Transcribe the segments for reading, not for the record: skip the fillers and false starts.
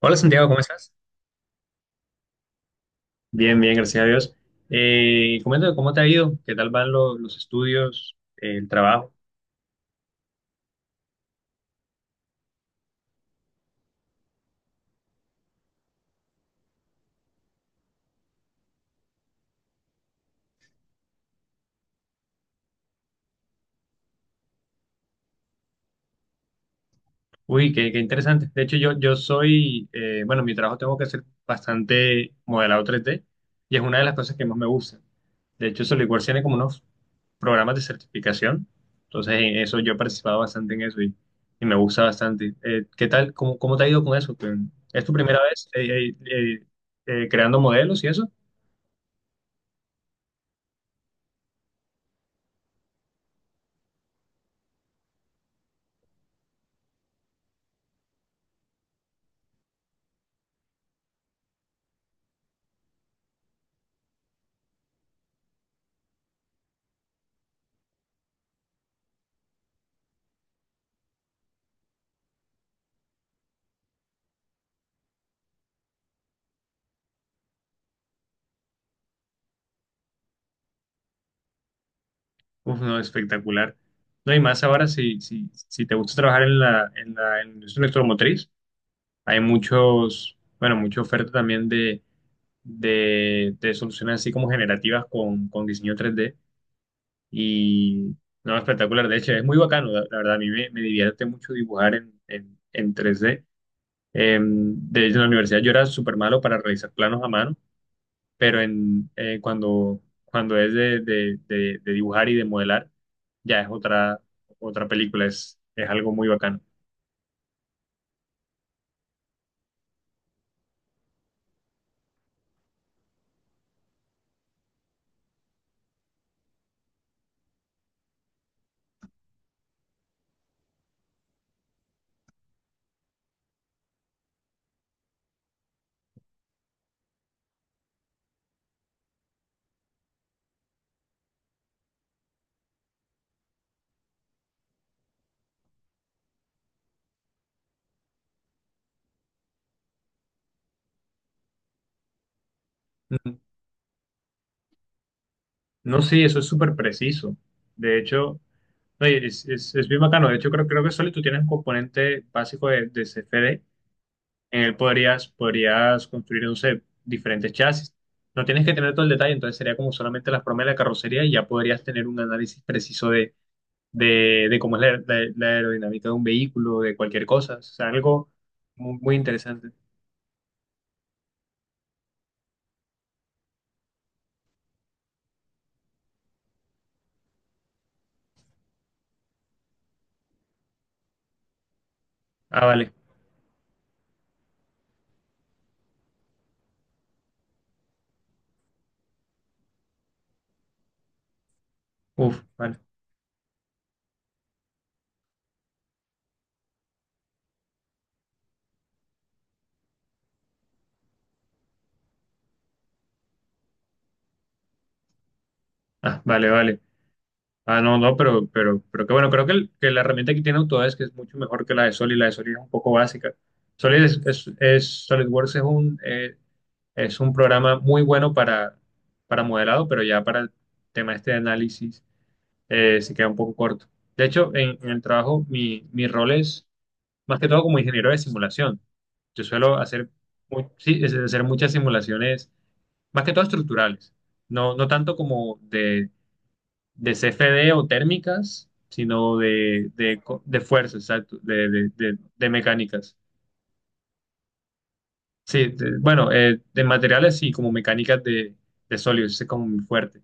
Hola Santiago, ¿cómo estás? Bien, bien, gracias a Dios. Coméntame cómo te ha ido, qué tal van los estudios, el trabajo. Uy, qué interesante. De hecho, yo soy, bueno, mi trabajo tengo que hacer bastante modelado 3D y es una de las cosas que más me gusta. De hecho, Solidworks tiene como unos programas de certificación. Entonces, en eso yo he participado bastante en eso y me gusta bastante. ¿Qué tal? ¿Cómo te ha ido con eso? ¿Es tu primera vez creando modelos y eso? Uf, no, espectacular. No, y más ahora, si te gusta trabajar en en la industria electromotriz, hay muchos, bueno, mucha oferta también de soluciones así como generativas con diseño 3D. Y, no, espectacular. De hecho, es muy bacano, la verdad, a mí me divierte mucho dibujar en 3D. De hecho, en la universidad yo era súper malo para realizar planos a mano, pero cuando es de dibujar y de modelar, ya es otra película, es algo muy bacano. Ujú. No, sí, eso es súper preciso. De hecho, oye, es bien bacano. De hecho, creo que solo tú tienes un componente básico de CFD. En él, podrías construir, no sé, diferentes chasis. No tienes que tener todo el detalle, entonces sería como solamente las formas de la carrocería y ya podrías tener un análisis preciso de cómo es la aerodinámica de un vehículo, de cualquier cosa. O sea, algo muy interesante. Ah, vale. Uf, vale. Ah, vale, vale. Ah, no, no, pero que bueno, creo que la herramienta que tiene Autodesk es mucho mejor que la de Solid. La de Solid es un poco básica. Solid es, SolidWorks es un programa muy bueno para modelado, pero ya para el tema este de análisis, se queda un poco corto. De hecho, en el trabajo mi rol es más que todo como ingeniero de simulación. Yo suelo hacer, sí, hacer muchas simulaciones, más que todo estructurales. No, no tanto como de CFD o térmicas, sino de fuerzas, exacto, de mecánicas. Sí, de- bueno, de materiales y como mecánicas de sólidos, ese es como muy fuerte.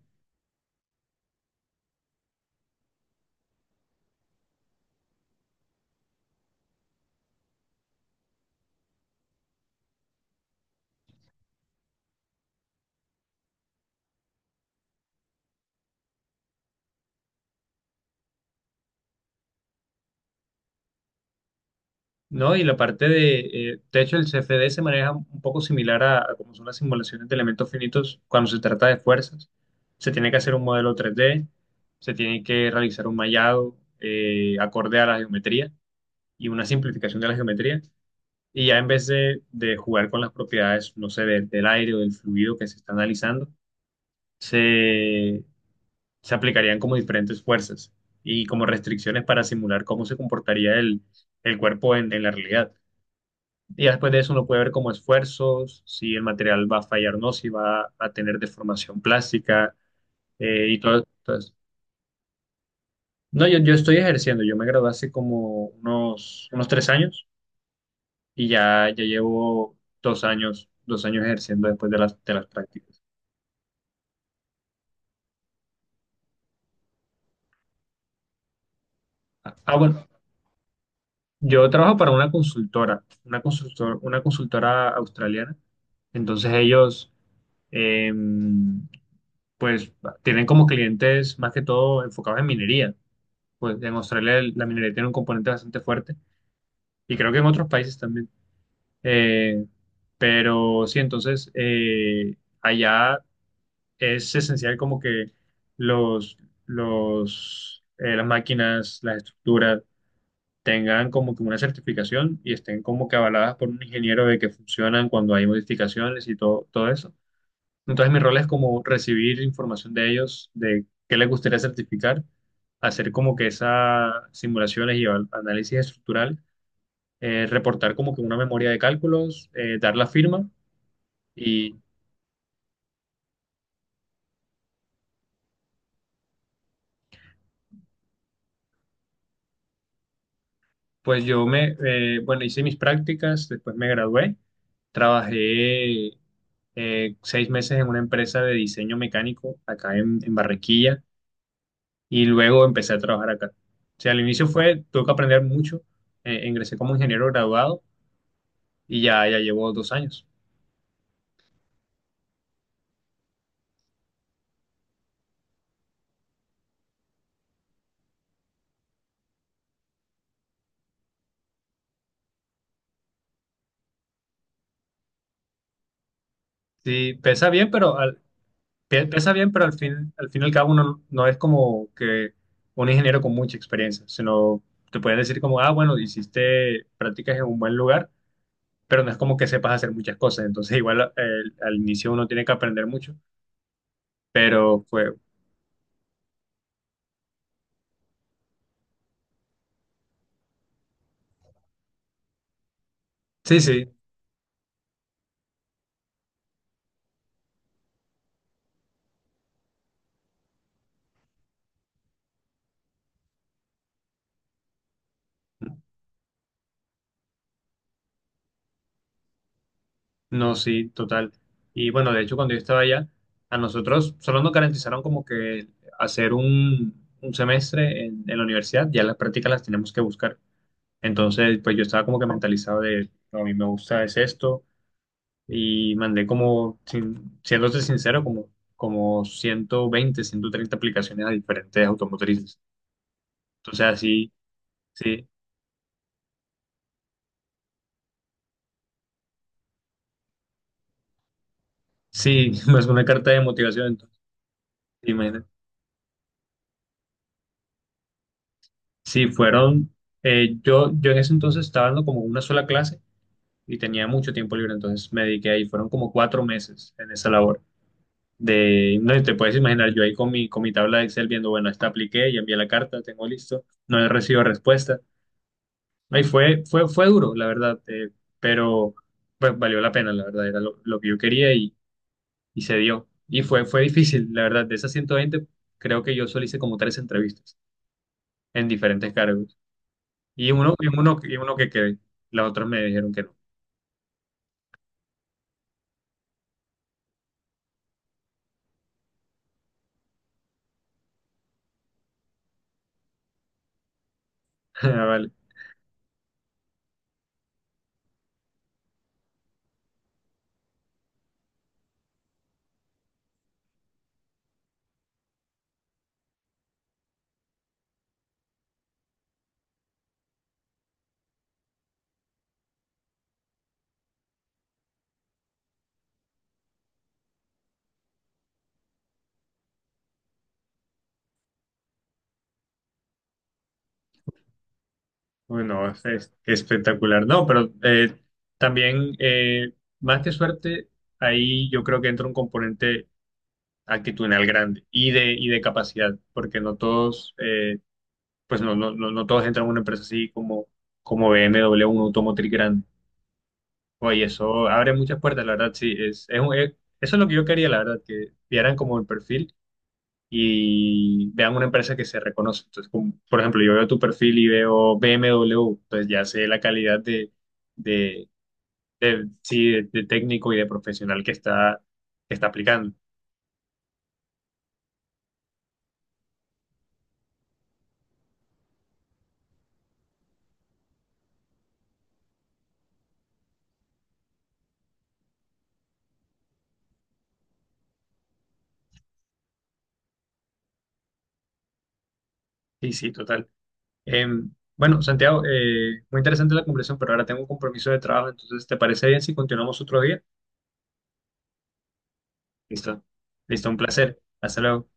No, y la parte de hecho, el CFD se maneja un poco similar a como son las simulaciones de elementos finitos cuando se trata de fuerzas. Se tiene que hacer un modelo 3D, se tiene que realizar un mallado acorde a la geometría y una simplificación de la geometría. Y ya en vez de jugar con las propiedades, no sé, del aire o del fluido que se está analizando, se, se aplicarían como diferentes fuerzas y como restricciones para simular cómo se comportaría el cuerpo en la realidad. Y ya después de eso uno puede ver como esfuerzos, si el material va a fallar o no, si va a tener deformación plástica, y todo. Entonces, no, yo estoy ejerciendo, yo me gradué hace como unos 3 años y ya llevo 2 años, 2 años ejerciendo después de de las prácticas. Ah, ah, bueno, yo trabajo para una consultora, una consultora australiana. Entonces ellos, eh, pues, tienen como clientes más que todo enfocados en minería. Pues en Australia, la minería tiene un componente bastante fuerte y creo que en otros países también. Eh, pero sí, entonces allá es esencial como que los, las máquinas, las estructuras tengan como que una certificación y estén como que avaladas por un ingeniero de que funcionan cuando hay modificaciones y todo, todo eso. Entonces mi rol es como recibir información de ellos, de qué les gustaría certificar, hacer como que esas simulaciones y análisis estructural, reportar como que una memoria de cálculos, dar la firma. Y pues yo me, bueno, hice mis prácticas, después me gradué, trabajé 6 meses en una empresa de diseño mecánico acá en Barranquilla y luego empecé a trabajar acá. O sea, al inicio fue, tuve que aprender mucho, ingresé como ingeniero graduado y ya llevo dos años. Sí, pesa bien, pesa bien, pero al fin y al cabo uno no es como que un ingeniero con mucha experiencia, sino te pueden decir como, ah, bueno, hiciste prácticas en un buen lugar, pero no es como que sepas hacer muchas cosas. Entonces, igual al inicio uno tiene que aprender mucho, pero fue, sí, sí, no, sí, total. Y bueno, de hecho, cuando yo estaba allá, a nosotros solo nos garantizaron como que hacer un semestre en la universidad, ya las prácticas las tenemos que buscar. Entonces, pues yo estaba como que mentalizado de, "No, a mí me gusta es esto", y mandé como, siéndote sincero, como 120 130 aplicaciones a diferentes automotrices. Entonces, así, sí, sí, más una carta de motivación, entonces, imagínate. Sí, fueron, yo en ese entonces estaba dando como una sola clase y tenía mucho tiempo libre, entonces me dediqué ahí, fueron como 4 meses en esa labor. De, no te puedes imaginar, yo ahí con mi, tabla de Excel viendo, bueno, esta apliqué, ya envié la carta, tengo listo, no he recibido respuesta. Ahí fue, fue duro, la verdad, pero pues valió la pena, la verdad, era lo que yo quería y se dio. Y fue difícil, la verdad, de esas 120 creo que yo solo hice como tres entrevistas en diferentes cargos. Y uno que quedé, las otras me dijeron que no. Ah, vale. Bueno, es espectacular. No, pero también, más que suerte, ahí yo creo que entra un componente actitudinal grande y y de capacidad, porque no todos, pues no todos entran a una empresa así como BMW, un automotriz grande. Oye, eso abre muchas puertas, la verdad, sí. Eso es lo que yo quería, la verdad, que vieran como el perfil y vean una empresa que se reconoce. Entonces, como, por ejemplo, yo veo tu perfil y veo BMW, pues ya sé la calidad de, sí, de técnico y de profesional que está, aplicando. Sí, sí, total. Bueno, Santiago, muy interesante la conversación, pero ahora tengo un compromiso de trabajo, entonces, ¿te parece bien si continuamos otro día? Listo. Listo, un placer. Hasta luego.